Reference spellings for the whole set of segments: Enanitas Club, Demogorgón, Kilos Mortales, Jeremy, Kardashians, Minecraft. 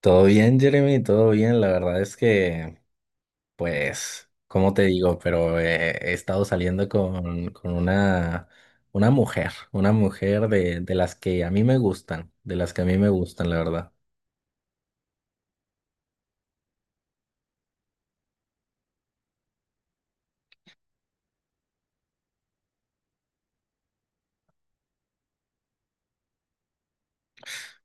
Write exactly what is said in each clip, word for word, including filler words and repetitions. Todo bien, Jeremy, todo bien. La verdad es que, pues, ¿cómo te digo? Pero eh, he estado saliendo con, con una, una mujer, una mujer de, de las que a mí me gustan, de las que a mí me gustan, la verdad.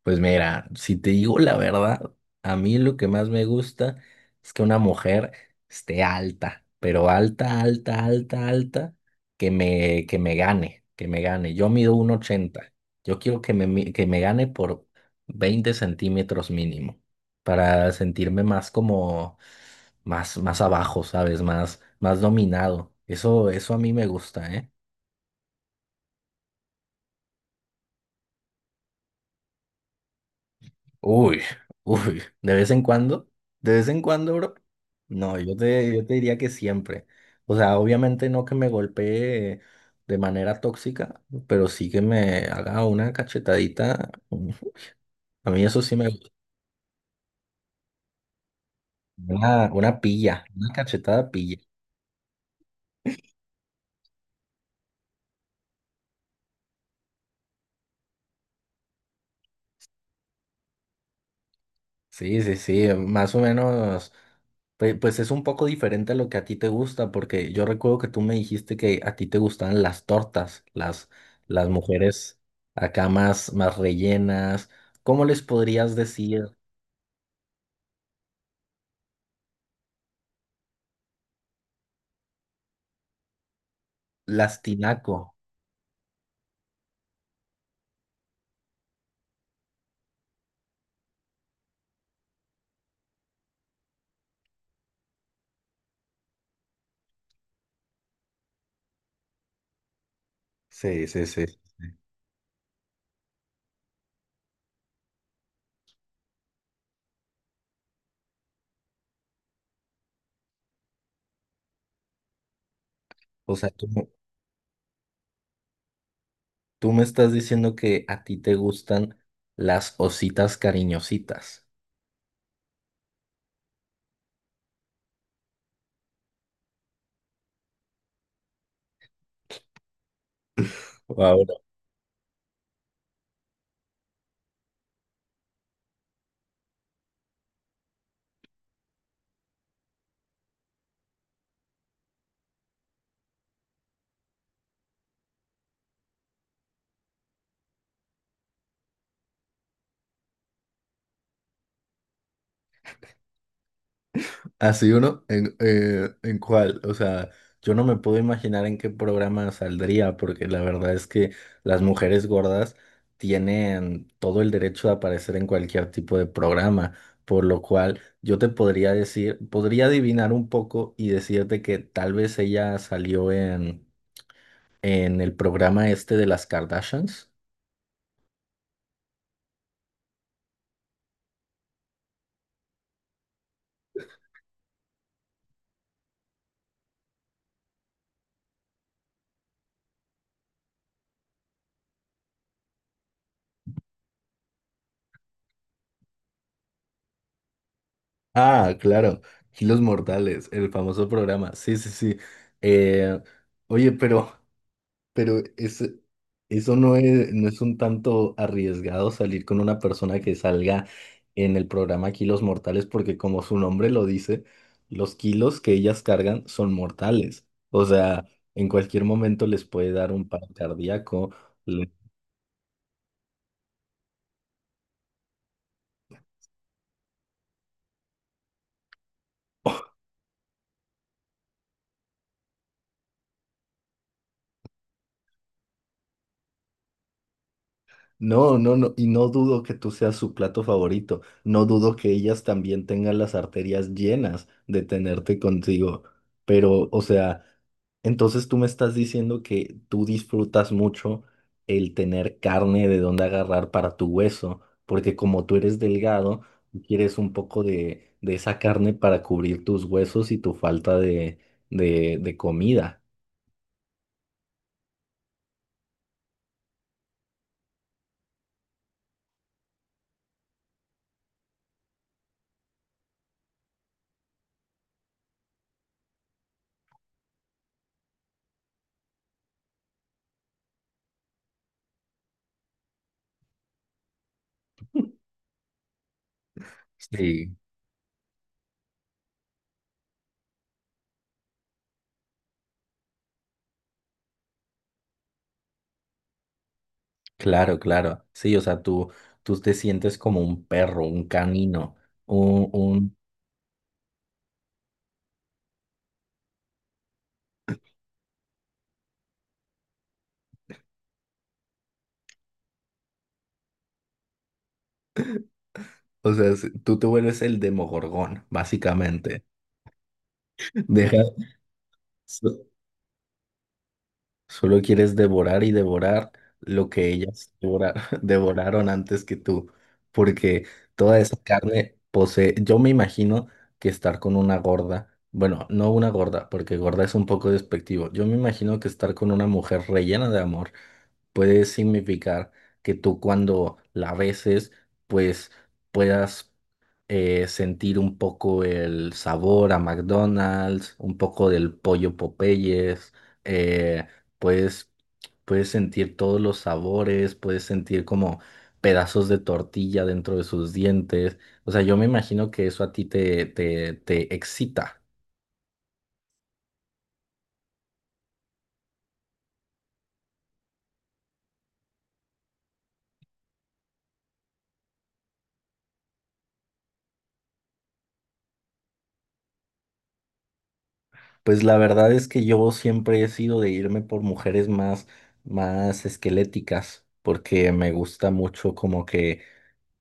Pues mira, si te digo la verdad, a mí lo que más me gusta es que una mujer esté alta, pero alta, alta, alta, alta, que me, que me gane, que me gane. Yo mido uno ochenta. Yo quiero que me, mi- que me gane por veinte centímetros mínimo, para sentirme más como, más, más abajo, ¿sabes? Más, más dominado. Eso, eso a mí me gusta, ¿eh? Uy, uy, de vez en cuando, de vez en cuando, bro. No, yo te, yo te diría que siempre. O sea, obviamente no que me golpee de manera tóxica, pero sí que me haga una cachetadita. A mí eso sí me gusta. Una, una pilla, una cachetada. Sí, sí, sí, más o menos, pues, pues es un poco diferente a lo que a ti te gusta, porque yo recuerdo que tú me dijiste que a ti te gustaban las tortas, las, las mujeres acá más, más rellenas. ¿Cómo les podrías decir las tinaco? Sí, sí, sí. O sea, tú, tú me estás diciendo que a ti te gustan las ositas cariñositas. Wow. Así uno, ¿en, eh, en cuál? O sea, yo no me puedo imaginar en qué programa saldría, porque la verdad es que las mujeres gordas tienen todo el derecho de aparecer en cualquier tipo de programa, por lo cual yo te podría decir, podría adivinar un poco y decirte que tal vez ella salió en, en el programa este de las Kardashians. Ah, claro, Kilos Mortales, el famoso programa. Sí, sí, sí. Eh, oye, pero... Pero es, eso no es, ¿no es un tanto arriesgado salir con una persona que salga en el programa Kilos Mortales? Porque como su nombre lo dice, los kilos que ellas cargan son mortales. O sea, en cualquier momento les puede dar un paro cardíaco. No, no, no, y no dudo que tú seas su plato favorito, no dudo que ellas también tengan las arterias llenas de tenerte contigo, pero, o sea, entonces tú me estás diciendo que tú disfrutas mucho el tener carne de dónde agarrar para tu hueso, porque como tú eres delgado, tú quieres un poco de, de esa carne para cubrir tus huesos y tu falta de, de, de comida. Sí, claro, claro. Sí, o sea, tú, tú te sientes como un perro, un canino, un, un... O sea, es- tú te vuelves el Demogorgón, básicamente. Dejas, solo quieres devorar y devorar lo que ellas devora- devoraron antes que tú, porque toda esa carne posee, yo me imagino que estar con una gorda, bueno, no una gorda, porque gorda es un poco despectivo, yo me imagino que estar con una mujer rellena de amor puede significar que tú cuando la beses, pues puedas eh, sentir un poco el sabor a McDonald's, un poco del pollo Popeyes, eh, puedes, puedes sentir todos los sabores, puedes sentir como pedazos de tortilla dentro de sus dientes. O sea, yo me imagino que eso a ti te, te, te excita. Pues la verdad es que yo siempre he sido de irme por mujeres más, más esqueléticas, porque me gusta mucho como que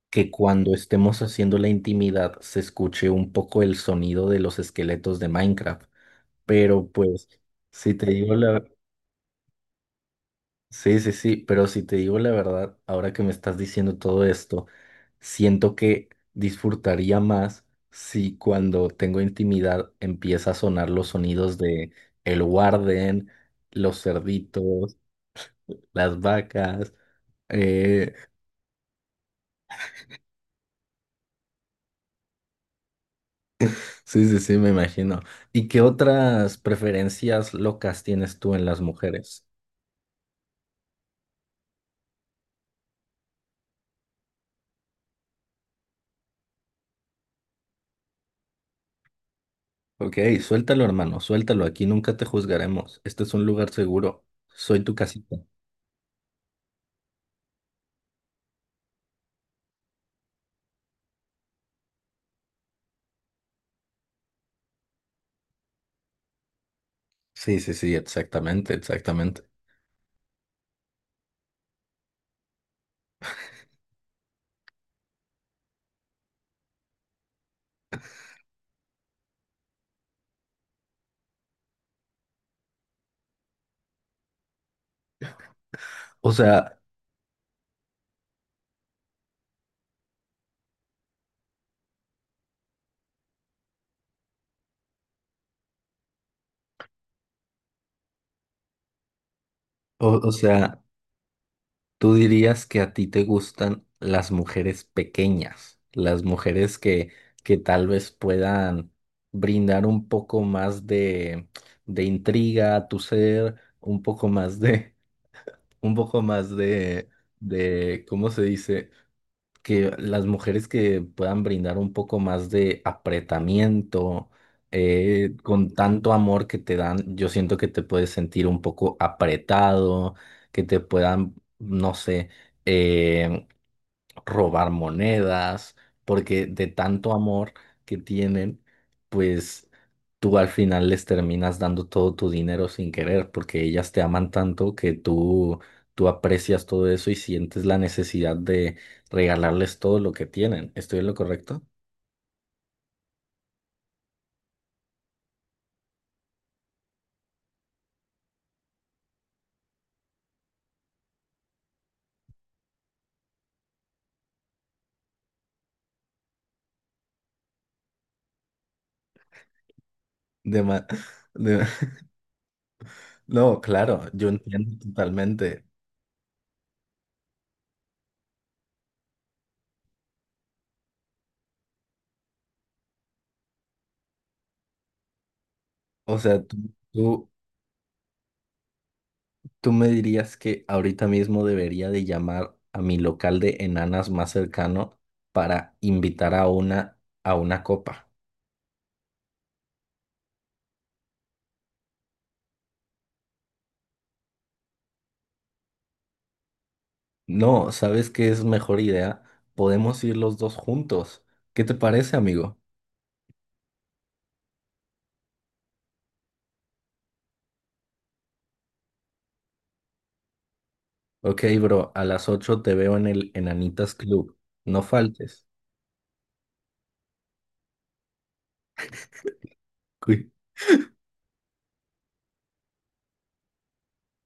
que cuando estemos haciendo la intimidad se escuche un poco el sonido de los esqueletos de Minecraft. Pero pues, si te digo la... Sí, sí, sí, pero si te digo la verdad, ahora que me estás diciendo todo esto, siento que disfrutaría más si cuando tengo intimidad empieza a sonar los sonidos de el warden, los cerditos, las vacas, eh, sí, sí, sí, me imagino. ¿Y qué otras preferencias locas tienes tú en las mujeres? Ok, suéltalo, hermano, suéltalo. Aquí nunca te juzgaremos. Este es un lugar seguro. Soy tu casita. Sí, sí, sí, exactamente, exactamente. O sea, o, o sea, tú dirías que a ti te gustan las mujeres pequeñas, las mujeres que, que tal vez puedan brindar un poco más de, de intriga a tu ser, un poco más de un poco más de, de, ¿cómo se dice? Que las mujeres que puedan brindar un poco más de apretamiento, eh, con tanto amor que te dan, yo siento que te puedes sentir un poco apretado, que te puedan, no sé, eh, robar monedas, porque de tanto amor que tienen, pues tú al final les terminas dando todo tu dinero sin querer, porque ellas te aman tanto que tú, tú aprecias todo eso y sientes la necesidad de regalarles todo lo que tienen. ¿Estoy en lo correcto? De ma- de- No, claro, yo entiendo totalmente. O sea, tú, tú- ¿Tú me dirías que ahorita mismo debería de llamar a mi local de enanas más cercano para invitar a una a una copa? No, ¿sabes qué es mejor idea? Podemos ir los dos juntos. ¿Qué te parece, amigo? Ok, bro, a las ocho te veo en el Enanitas Club. No faltes. Cuí-